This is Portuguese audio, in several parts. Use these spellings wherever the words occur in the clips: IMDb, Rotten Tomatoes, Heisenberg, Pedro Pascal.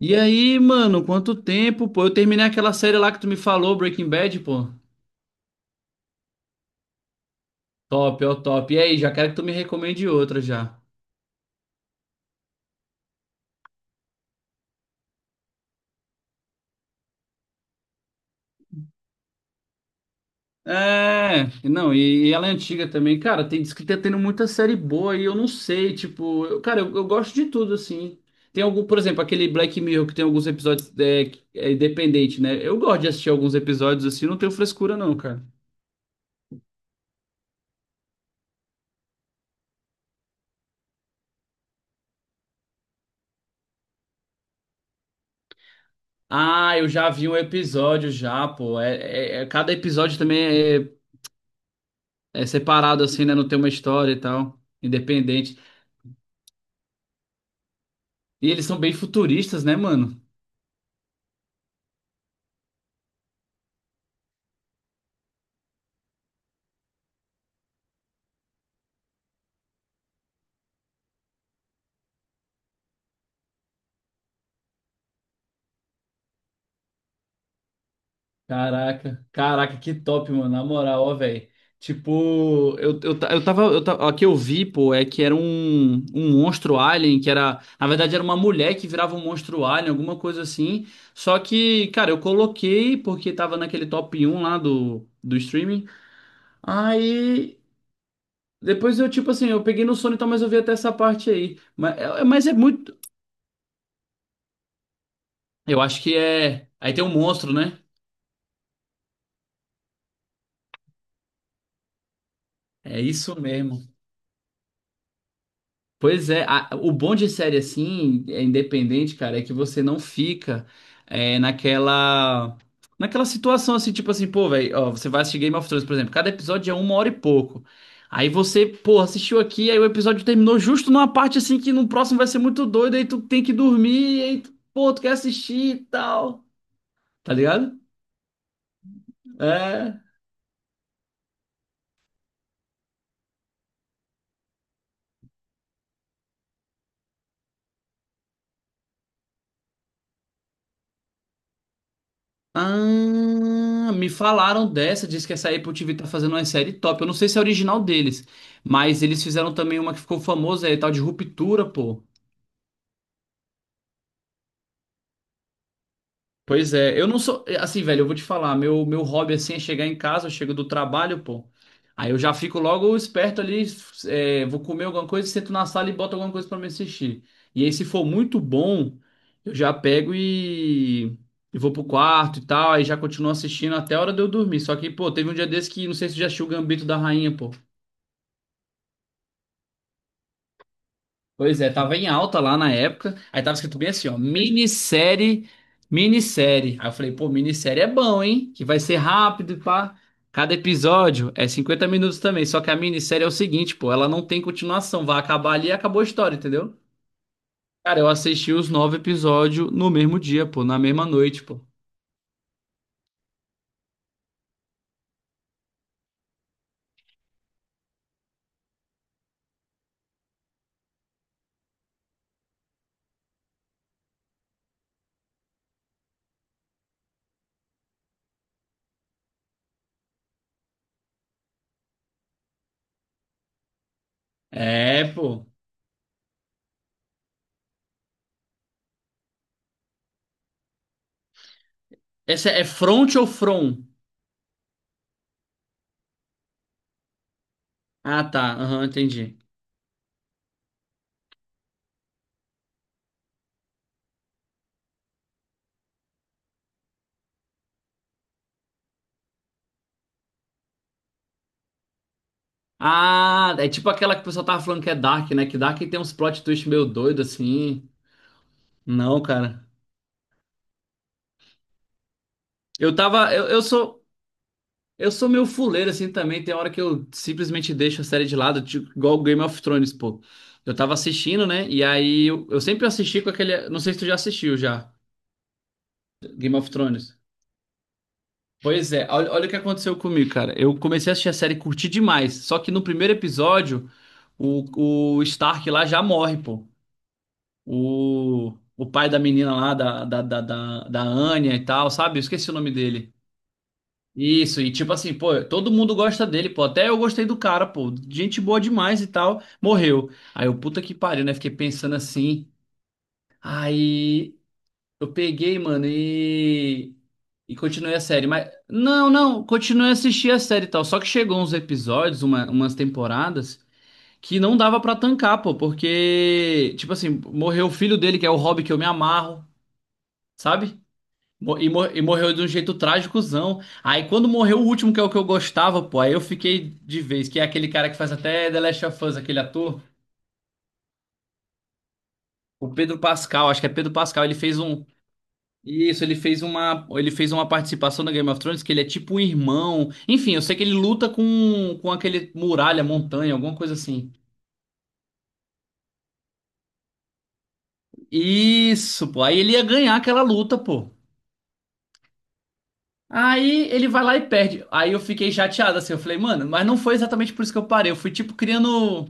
E aí, mano, quanto tempo, pô? Eu terminei aquela série lá que tu me falou, Breaking Bad, pô. Top, ó, top. E aí, já quero que tu me recomende outra já. É, não, e ela é antiga também. Cara, tem, diz que tá tendo muita série boa e eu não sei, tipo, eu gosto de tudo, assim. Tem algum, por exemplo, aquele Black Mirror que tem alguns episódios que é independente, né? Eu gosto de assistir alguns episódios assim, não tenho frescura não, cara. Ah, eu já vi um episódio já, pô. É, cada episódio também é. É separado assim, né? Não tem uma história e tal. Independente. E eles são bem futuristas, né, mano? Caraca, caraca, que top, mano. Na moral, ó, velho. Tipo, eu tava. Ó, o que eu vi, pô, é que era um monstro alien, que era. Na verdade, era uma mulher que virava um monstro alien, alguma coisa assim. Só que, cara, eu coloquei porque tava naquele top um lá do streaming. Aí. Depois eu, tipo assim, eu peguei no sono e tal, mas eu vi até essa parte aí. Mas é muito. Eu acho que é. Aí tem um monstro, né? É isso mesmo. Pois é, a- o bom de série assim, é independente, cara, é que você não fica naquela. Naquela situação assim, tipo assim, pô, velho, ó, você vai assistir Game of Thrones, por exemplo, cada episódio é uma hora e pouco. Aí você, pô, assistiu aqui, aí o episódio terminou justo numa parte assim que no próximo vai ser muito doido, aí tu tem que dormir, aí tu, pô, tu quer assistir e tal. Tá ligado? É. Ah, me falaram dessa, diz que essa Apple TV tá fazendo uma série top. Eu não sei se é original deles, mas eles fizeram também uma que ficou famosa aí, tal de Ruptura, pô. Pois é, eu não sou. Assim, velho, eu vou te falar, meu hobby assim é chegar em casa, eu chego do trabalho, pô. Aí eu já fico logo esperto ali, vou comer alguma coisa, sento na sala e boto alguma coisa pra me assistir. E aí, se for muito bom, eu já pego e vou pro quarto e tal, aí já continuo assistindo até a hora de eu dormir. Só que, pô, teve um dia desse que não sei se você já assistiu o Gambito da Rainha, pô. Pois é, tava em alta lá na época. Aí tava escrito bem assim, ó, minissérie. Aí eu falei, pô, minissérie é bom, hein? Que vai ser rápido e pá. Cada episódio é 50 minutos também. Só que a minissérie é o seguinte, pô, ela não tem continuação. Vai acabar ali e acabou a história, entendeu? Cara, eu assisti os 9 episódios no mesmo dia, pô, na mesma noite, pô. É, pô. Essa é front ou from? Ah, tá. Aham, entendi. Ah, é tipo aquela que o pessoal tava falando que é Dark, né? Que Dark tem uns plot twist meio doido, assim. Não, cara. Eu tava. Eu sou. Eu sou meio fuleiro assim também. Tem hora que eu simplesmente deixo a série de lado, tipo, igual Game of Thrones, pô. Eu tava assistindo, né? E aí eu sempre assisti com aquele. Não sei se tu já assistiu já, Game of Thrones. Pois é, olha, olha o que aconteceu comigo, cara. Eu comecei a assistir a série, e curti demais. Só que no primeiro episódio, o Stark lá já morre, pô. O pai da menina lá, da Anya e tal, sabe? Eu esqueci o nome dele. Isso, e tipo assim, pô, todo mundo gosta dele, pô. Até eu gostei do cara, pô. Gente boa demais e tal. Morreu. Aí eu, puta que pariu, né? Fiquei pensando assim. Aí eu peguei, mano, e. E continuei a série. Mas. Não, não, continuei a assistir a série e tal. Só que chegou uns episódios, umas temporadas, que não dava pra tancar, pô. Porque, tipo assim, morreu o filho dele, que é o Hobby que eu me amarro, sabe? E morreu de um jeito trágicozão. Aí quando morreu o último, que é o que eu gostava, pô, aí eu fiquei de vez, que é aquele cara que faz até The Last of Us, aquele ator, o Pedro Pascal, acho que é Pedro Pascal, ele fez um. Isso, ele fez uma participação na Game of Thrones que ele é tipo um irmão. Enfim, eu sei que ele luta com aquele muralha, montanha, alguma coisa assim. Isso, pô. Aí ele ia ganhar aquela luta, pô. Aí ele vai lá e perde. Aí eu fiquei chateado assim, eu falei, mano, mas não foi exatamente por isso que eu parei. Eu fui tipo criando.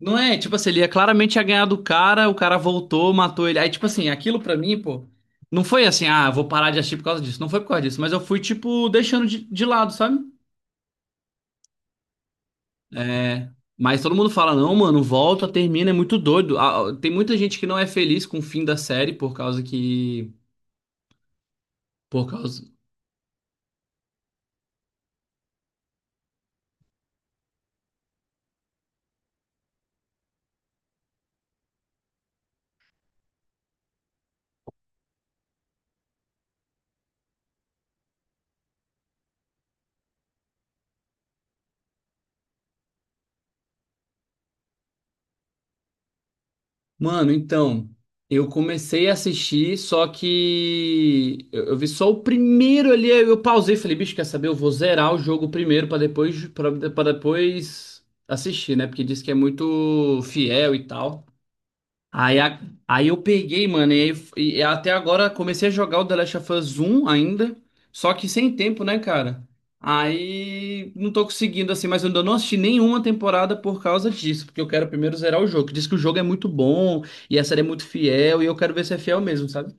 Não é, tipo assim, ele ia claramente ia ganhar do cara, o cara voltou, matou ele. Aí, tipo assim, aquilo pra mim, pô, não foi assim, ah, vou parar de assistir por causa disso. Não foi por causa disso, mas eu fui, tipo, deixando de lado, sabe? É. Mas todo mundo fala, não, mano, volta, termina, é muito doido. Ah, tem muita gente que não é feliz com o fim da série por causa que. Por causa. Mano, então, eu comecei a assistir, só que eu vi só o primeiro ali, aí eu pausei, e falei, bicho, quer saber? Eu vou zerar o jogo primeiro pra depois para depois assistir, né? Porque diz que é muito fiel e tal. Aí, a- aí eu peguei, mano, e até agora comecei a jogar o The Last of Us 1 ainda, só que sem tempo, né, cara? Aí não tô conseguindo assim, mas eu ainda não assisti nenhuma temporada por causa disso, porque eu quero primeiro zerar o jogo. Que diz que o jogo é muito bom e a série é muito fiel e eu quero ver se é fiel mesmo, sabe?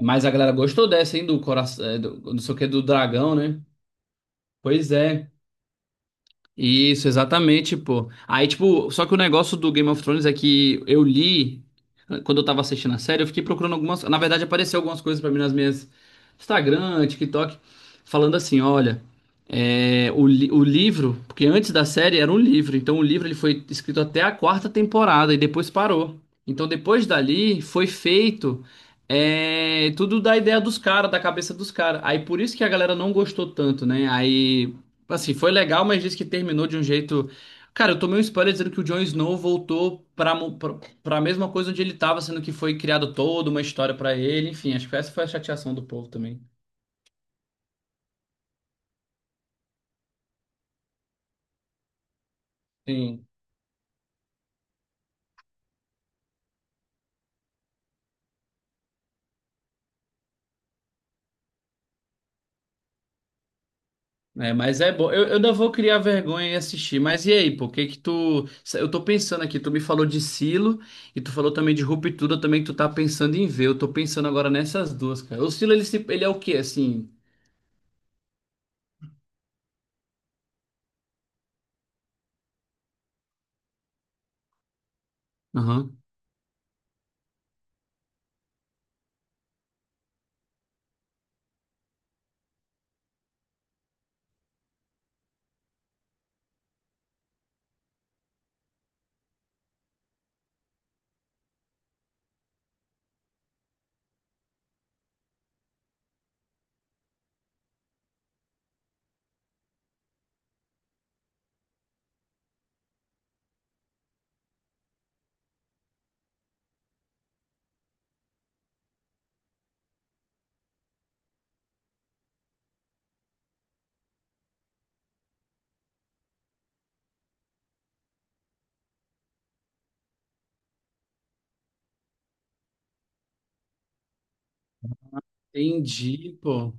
Mas a galera gostou dessa, hein, do coração, não sei o que, do dragão, né? Pois é. Isso, exatamente, pô. Aí, tipo, só que o negócio do Game of Thrones é que eu li, quando eu tava assistindo a série, eu fiquei procurando algumas. Na verdade, apareceu algumas coisas pra mim nas minhas Instagram, TikTok, falando assim: olha, o livro, porque antes da série era um livro, então o livro ele foi escrito até a 4ª temporada e depois parou. Então, depois dali, foi feito. Tudo da ideia dos caras, da cabeça dos caras. Aí por isso que a galera não gostou tanto, né? Aí assim, foi legal, mas disse que terminou de um jeito. Cara, eu tomei um spoiler dizendo que o Jon Snow voltou pra, pra mesma coisa onde ele tava, sendo que foi criado toda uma história pra ele. Enfim, acho que essa foi a chateação do povo também. Sim. É, mas é bom. Eu ainda vou criar vergonha e assistir. Mas e aí, pô, o que que tu. Eu tô pensando aqui, tu me falou de Silo e tu falou também de Ruptura, também que tu tá pensando em ver. Eu tô pensando agora nessas duas, cara. O Silo, ele, se- ele é o quê, assim? Aham. Entendi, pô.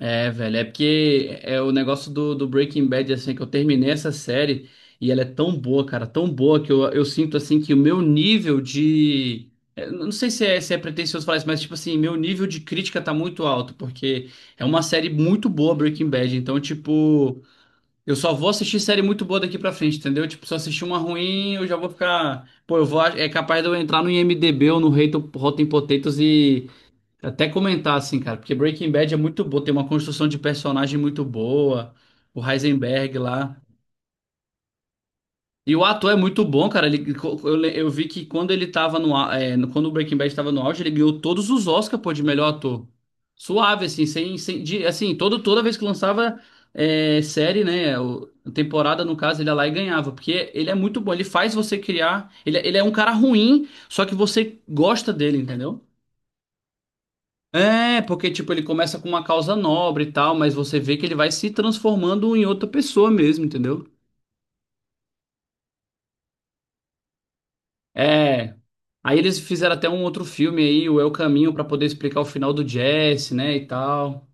É, velho, é porque é o negócio do Breaking Bad, assim, que eu terminei essa série e ela é tão boa, cara, tão boa que eu sinto, assim, que o meu nível de. Eu não sei se é, se é pretensioso falar isso, mas, tipo assim, meu nível de crítica tá muito alto, porque é uma série muito boa, Breaking Bad, então, tipo, eu só vou assistir série muito boa daqui pra frente, entendeu? Tipo, se eu assistir uma ruim, eu já vou ficar. Pô, eu vou. É capaz de eu entrar no IMDb ou no Rotten Potatoes e. Até comentar assim, cara, porque Breaking Bad é muito bom, tem uma construção de personagem muito boa, o Heisenberg lá. E o ator é muito bom, cara. Ele, co- eu, le- eu vi que quando ele tava quando o Breaking Bad tava no auge, ele ganhou todos os Oscars, pô, de melhor ator. Suave, assim, sem, sem de- assim, toda vez que lançava série, né, temporada, no caso, ele ia lá e ganhava, porque ele é muito bom, ele faz você criar, ele é um cara ruim, só que você gosta dele, entendeu? É, porque, tipo, ele começa com uma causa nobre e tal, mas você vê que ele vai se transformando em outra pessoa mesmo, entendeu? É. Aí eles fizeram até um outro filme aí, o É o Caminho, pra poder explicar o final do Jesse, né, e tal.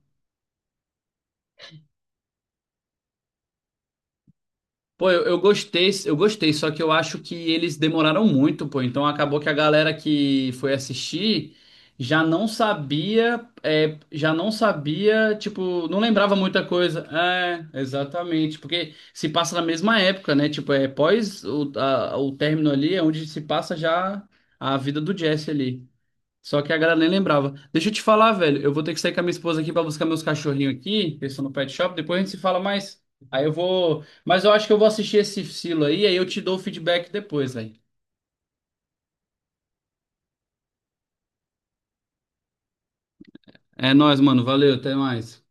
Pô, eu gostei, só que eu acho que eles demoraram muito, pô. Então acabou que a galera que foi assistir já não sabia, já não sabia, tipo, não lembrava muita coisa. É, exatamente, porque se passa na mesma época, né? Tipo, é pós o término ali, é onde se passa já a vida do Jesse ali. Só que a galera nem lembrava. Deixa eu te falar, velho. Eu vou ter que sair com a minha esposa aqui pra buscar meus cachorrinhos aqui, que eles estão no pet shop. Depois a gente se fala mais. Aí eu vou. Mas eu acho que eu vou assistir esse silo aí, aí eu te dou o feedback depois, velho. É nóis, mano. Valeu, até mais.